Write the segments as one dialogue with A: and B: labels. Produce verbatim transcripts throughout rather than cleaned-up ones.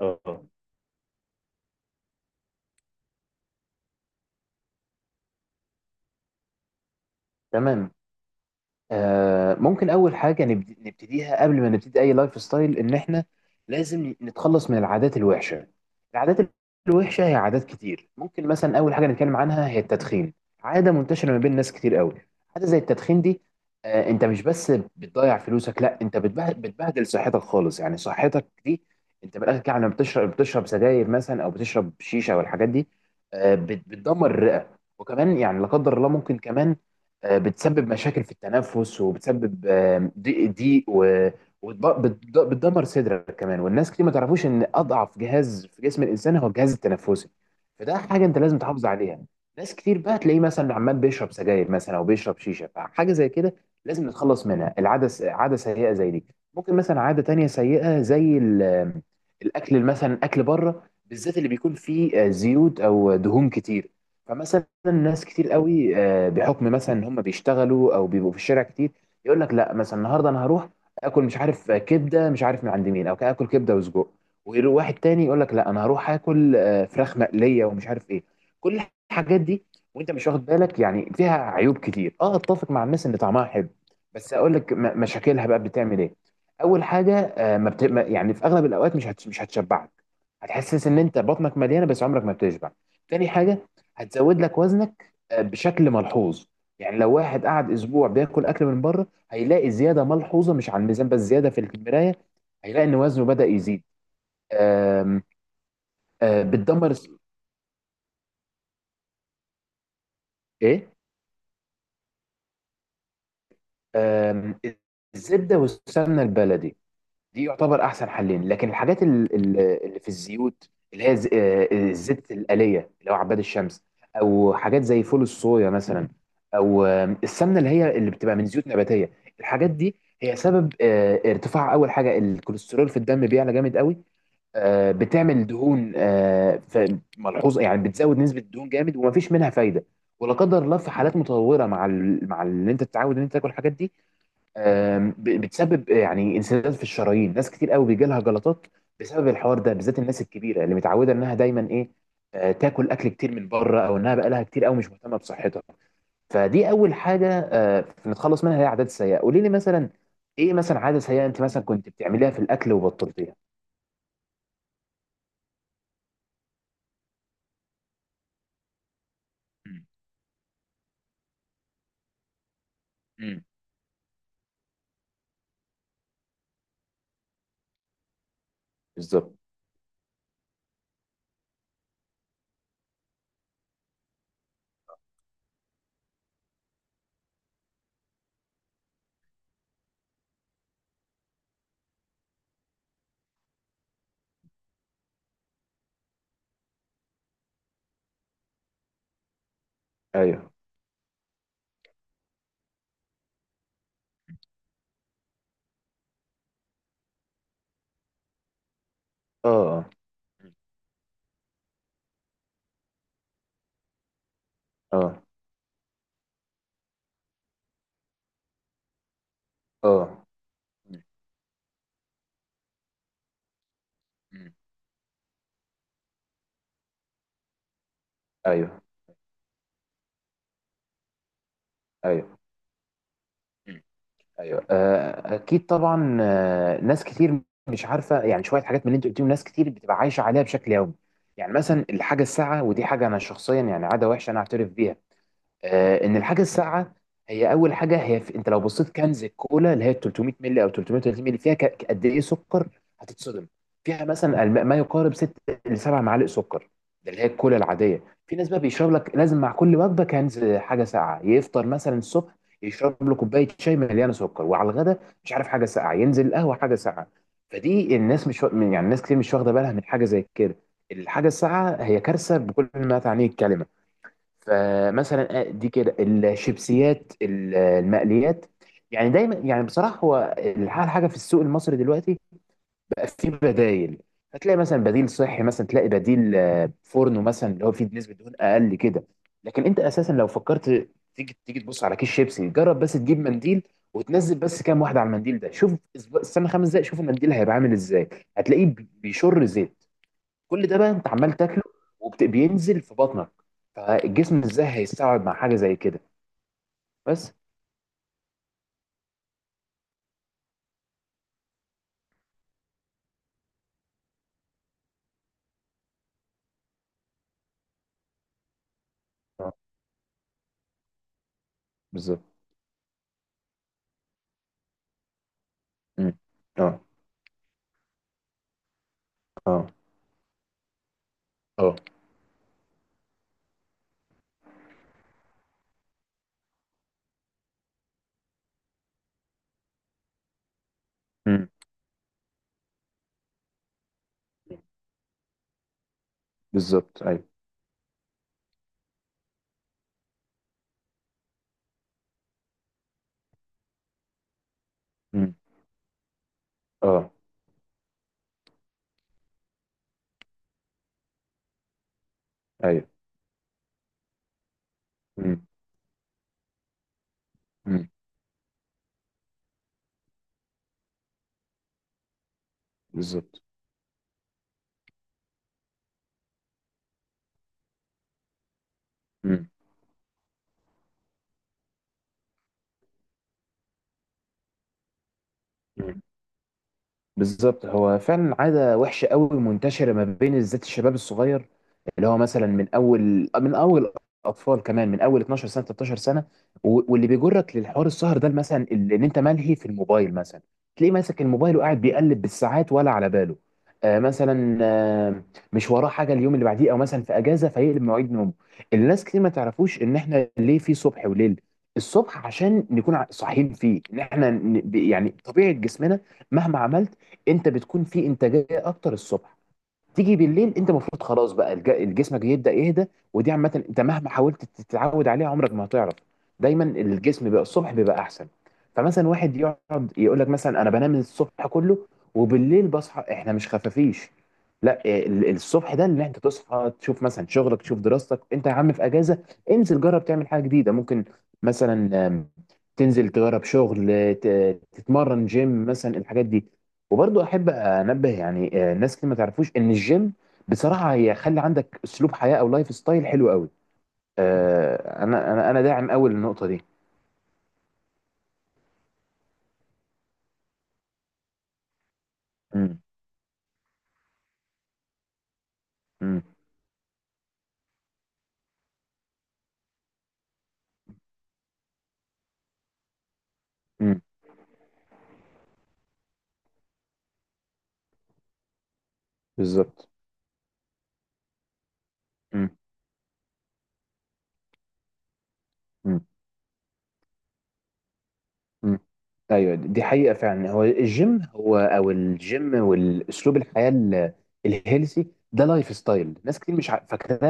A: اه. تمام. آه ممكن اول حاجه نبد- نبتديها قبل ما نبتدي اي لايف ستايل ان احنا لازم نتخلص من العادات الوحشه العادات الوحشه هي عادات كتير. ممكن مثلا اول حاجه نتكلم عنها هي التدخين. عاده منتشره ما بين ناس كتير قوي. حاجه زي التدخين دي، آه انت مش بس بتضيع فلوسك، لا انت بتبه- بتبهدل صحتك خالص. يعني صحتك دي انت من الاخر كده لما بتشرب، بتشرب سجاير مثلا او بتشرب شيشه والحاجات دي، آه بت- بتدمر الرئه. وكمان يعني لا قدر الله ممكن كمان آه، بتسبب مشاكل في التنفس، وبتسبب آه، ضيق ضيق، وبتدمر صدرك كمان. والناس كتير ما تعرفوش ان اضعف جهاز في جسم الانسان هو الجهاز التنفسي. فده حاجه انت لازم تحافظ عليها. ناس كتير بقى تلاقيه مثلا عمال بيشرب سجاير مثلا او بيشرب شيشه، فحاجه زي كده لازم نتخلص منها. العاده س- عاده سيئه زي دي. ممكن مثلا عاده تانية سيئه زي ال- الاكل مثلا، اكل بره بالذات اللي بيكون فيه آه، زيوت او دهون كتير. فمثلا ناس كتير قوي آه، بحكم مثلا ان هم بيشتغلوا او بيبقوا في الشارع كتير، يقول لك لا مثلا النهارده انا هروح اكل مش عارف آه، كبده، مش عارف من عند مين، او اكل كبده وسجق، ويروح واحد تاني يقول لك لا انا هروح اكل آه، فراخ مقليه ومش عارف ايه. كل الحاجات دي وانت مش واخد بالك. يعني فيها عيوب كتير. اه، اتفق مع الناس ان طعمها حلو، بس اقول لك م- مشاكلها بقى بتعمل ايه. اول حاجه، آه، ما بت... ما- يعني في اغلب الاوقات مش هت... مش هتشبعك. هتحسس ان انت بطنك مليانه بس عمرك ما بتشبع. تاني حاجه، هتزود لك وزنك آه، بشكل ملحوظ. يعني لو واحد قعد اسبوع بياكل اكل من بره هيلاقي زياده ملحوظه، مش على الميزان بس، زياده في المرايه، هيلاقي ان وزنه بدأ يزيد. آم، آه، بتدمر الس- ايه. آم، الزبده والسمنه البلدي دي يعتبر احسن حلين. لكن الحاجات ال- ال- اللي في الزيوت، اللي هي ز- آه، الزيت الآلية اللي هو عباد الشمس، او حاجات زي فول الصويا مثلا، او آه، السمنة اللي هي اللي بتبقى من زيوت نباتية، الحاجات دي هي سبب آه، ارتفاع اول حاجة الكوليسترول في الدم، بيعلى جامد قوي. آه، بتعمل دهون آه، ف- ملحوظة، يعني بتزود نسبة الدهون جامد ومفيش منها فايدة. ولا قدر الله في حالات متطورة مع ال- مع اللي انت تتعود ان انت تاكل الحاجات دي، آم، ب- بتسبب يعني انسداد في الشرايين. ناس كتير قوي بيجي لها جلطات بسبب الحوار ده، بالذات الناس الكبيره اللي متعوده انها دايما ايه، آه، تاكل اكل كتير من بره، او انها بقى لها كتير قوي مش مهتمه بصحتها. فدي اول حاجه آه، نتخلص منها، هي عادات سيئه. قولي لي مثلا، ايه مثلا عاده سيئه انت مثلا كنت بتعمليها في الاكل وبطلتيها؟ مم. مم. بالظبط. ايوه. اه. اه. مم. اه. اه. مم. مم. ايوه. ايوه. ايوه آه، اكيد طبعا. آه، ناس كتير مش عارفه يعني شويه حاجات من اللي انت قلتيهم ناس كتير بتبقى عايشه عليها بشكل يومي. يعني مثلا الحاجه الساعه، ودي حاجه انا شخصيا يعني عاده وحشه انا اعترف بيها، آه، ان الحاجه الساقعه هي اول حاجه. هي في انت لو بصيت كنز الكولا اللي هي تلت ميه مللي او تلت ميه وتلاتين مللي، فيها ك- قد ايه سكر؟ هتتصدم. فيها مثلا الم- ما يقارب ست ل سبع معالق سكر. ده اللي هي الكولا العاديه. في ناس بقى بيشرب لك لازم مع كل وجبه كنز حاجه ساقعه. يفطر مثلا الصبح يشرب له كوبايه شاي مليانه سكر، وعلى الغدا مش عارف حاجه ساقعه، ينزل قهوه حاجه ساقعه. فدي الناس مش وا- يعني الناس كتير مش واخده بالها من حاجه زي كده. الحاجه الساقعه هي كارثه بكل ما تعنيه الكلمه. فمثلا آه، دي كده الشيبسيات ال- المقليات. يعني دايما يعني بصراحه هو الح- الحاجه في السوق المصري دلوقتي بقى فيه بدايل. هتلاقي مثلا بديل صحي، مثلا تلاقي بديل آه، فورنو مثلا اللي هو فيه نسبه دهون اقل كده. لكن انت اساسا لو فكرت تيجي تيجي تبص على كيس شيبسي، جرب بس تجيب منديل وتنزل بس كام واحده على المنديل ده. شوف، أسبوع- استنى خمس دقايق، شوف المنديل هيبقى عامل ازاي. هتلاقيه بيشر زيت. كل ده بقى انت عمال تاكله وبينزل في بطنك، فالجسم ازاي هيستوعب مع حاجه زي كده؟ بس. اه. بالظبط. مم. اه. اه. اه. مم. بالظبط. ايوه. مم. اه. ايوه. مم. مم. بالظبط. مم. مم. بالظبط هو فعلا عادة وحشة قوي، منتشرة ما بين بالذات الشباب الصغير اللي هو مثلا من أول من أول أطفال كمان، من أول اتناشر سنة تلتاشر سنة. و- واللي بيجرك للحوار السهر ده مثلا ال- إن أنت ملهي في الموبايل مثلا. تلاقيه ماسك الموبايل وقاعد بيقلب بالساعات ولا على باله. آه مثلا آه مش وراه حاجة اليوم اللي بعديه، أو مثلا في أجازة فيقلب مواعيد نومه. الناس كتير ما تعرفوش إن إحنا ليه في صبح وليل. الصبح عشان نكون ع- صاحيين فيه، إن إحنا ن- ب- يعني طبيعة جسمنا مهما عملت انت بتكون في انتاجيه اكتر الصبح. تيجي بالليل انت المفروض خلاص بقى الج- جسمك يبدا يهدى. ودي عامه انت مهما حاولت تتعود عليها عمرك ما هتعرف. دايما الجسم بقى الصبح بيبقى احسن. فمثلا واحد يقعد يقول لك مثلا انا بنام الصبح كله وبالليل بصحى. احنا مش خفافيش. لا، ال- الصبح ده ان انت تصحى تشوف مثلا شغلك، تشوف دراستك. انت يا عم في اجازه، انزل جرب تعمل حاجه جديده. ممكن مثلا آم، تنزل تجرب شغل، ت- تتمرن جيم مثلا الحاجات دي. وبرضه احب انبه يعني آه، الناس اللي ما تعرفوش ان الجيم بصراحه هي خلي عندك اسلوب حياه او لايف ستايل حلو قوي. آه، انا انا انا داعم قوي للنقطه دي. امم. امم. امم. بالظبط. امم. مم. ايوه دي حقيقه فعلا. هو الجيم هو او الجيم والاسلوب الحياه ال- الهيلثي ده لايف ستايل ناس كتير مش ع- فاكراه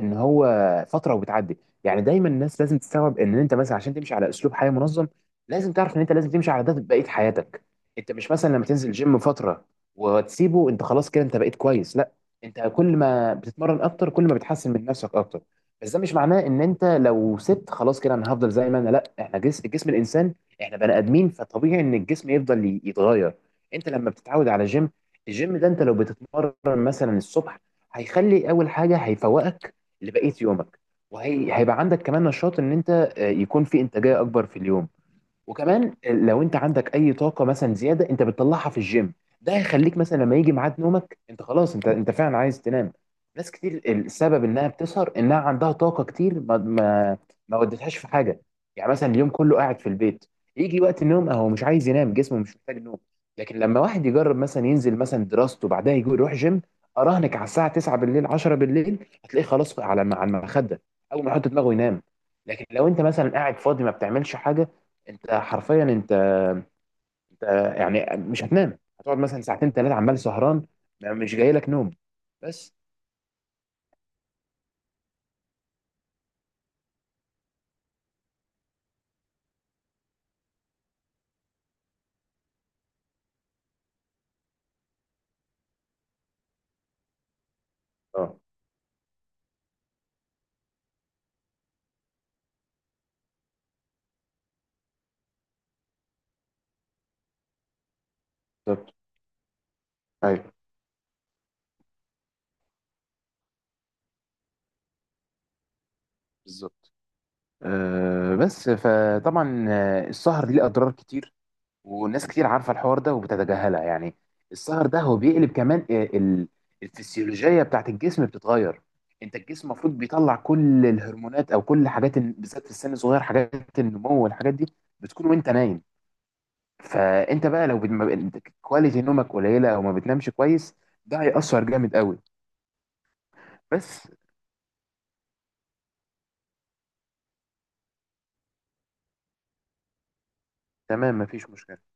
A: ان هو فتره وبتعدي. يعني دايما الناس لازم تستوعب ان انت مثلا عشان تمشي على اسلوب حياه منظم لازم تعرف ان انت لازم تمشي على ده بقيه حياتك. انت مش مثلا لما تنزل جيم فتره وتسيبه انت خلاص كده انت بقيت كويس، لا. انت كل ما بتتمرن اكتر كل ما بتحسن من نفسك اكتر، بس ده مش معناه ان انت لو سبت خلاص كده انا هفضل زي ما انا، لا، احنا جسم جسم الانسان، احنا بني ادمين، فطبيعي ان الجسم يفضل ي- يتغير. انت لما بتتعود على جيم، الجيم ده انت لو بتتمرن مثلا الصبح، هيخلي اول حاجه هيفوقك لبقيه يومك. وهيبقى عندك كمان نشاط ان انت آه، يكون في انتاجيه اكبر في اليوم. وكمان لو انت عندك اي طاقه مثلا زياده انت بتطلعها في الجيم. ده هيخليك مثلا لما يجي ميعاد نومك انت خلاص انت انت فعلا عايز تنام. ناس كتير السبب انها بتسهر انها عندها طاقه كتير ما ما ما ودتهاش في حاجه. يعني مثلا اليوم كله قاعد في البيت، يجي وقت النوم اهو مش عايز ينام جسمه مش محتاج نوم. لكن لما واحد يجرب مثلا ينزل مثلا دراسته، بعدها يجي يروح جيم، اراهنك على الساعه تسعة بالليل عشرة بالليل هتلاقيه خلاص على على المخده اول ما يحط دماغه ينام. لكن لو انت مثلا قاعد فاضي ما بتعملش حاجه، انت حرفيا انت انت يعني مش هتنام. هتقعد مثلا ساعتين ثلاثه عمال سهران، ما- مش جاي لك نوم. بس. اه. بالظبط. ايوه. بالظبط. أه بس فطبعا آه، السهر ليه اضرار كتير والناس كتير عارفه الحوار ده وبتتجاهلها يعني. السهر ده هو بيقلب كمان آه، ال- الفسيولوجيه بتاعت الجسم بتتغير. انت الجسم المفروض بيطلع كل الهرمونات او كل حاجات ال- بالذات في السن الصغير حاجات النمو والحاجات دي بتكون وانت نايم. فانت بقى لو بت- ما بت- كواليتي نومك قليله او ما بتنامش كويس، ده هيأثر جامد قوي. بس. تمام. مفيش مشكله.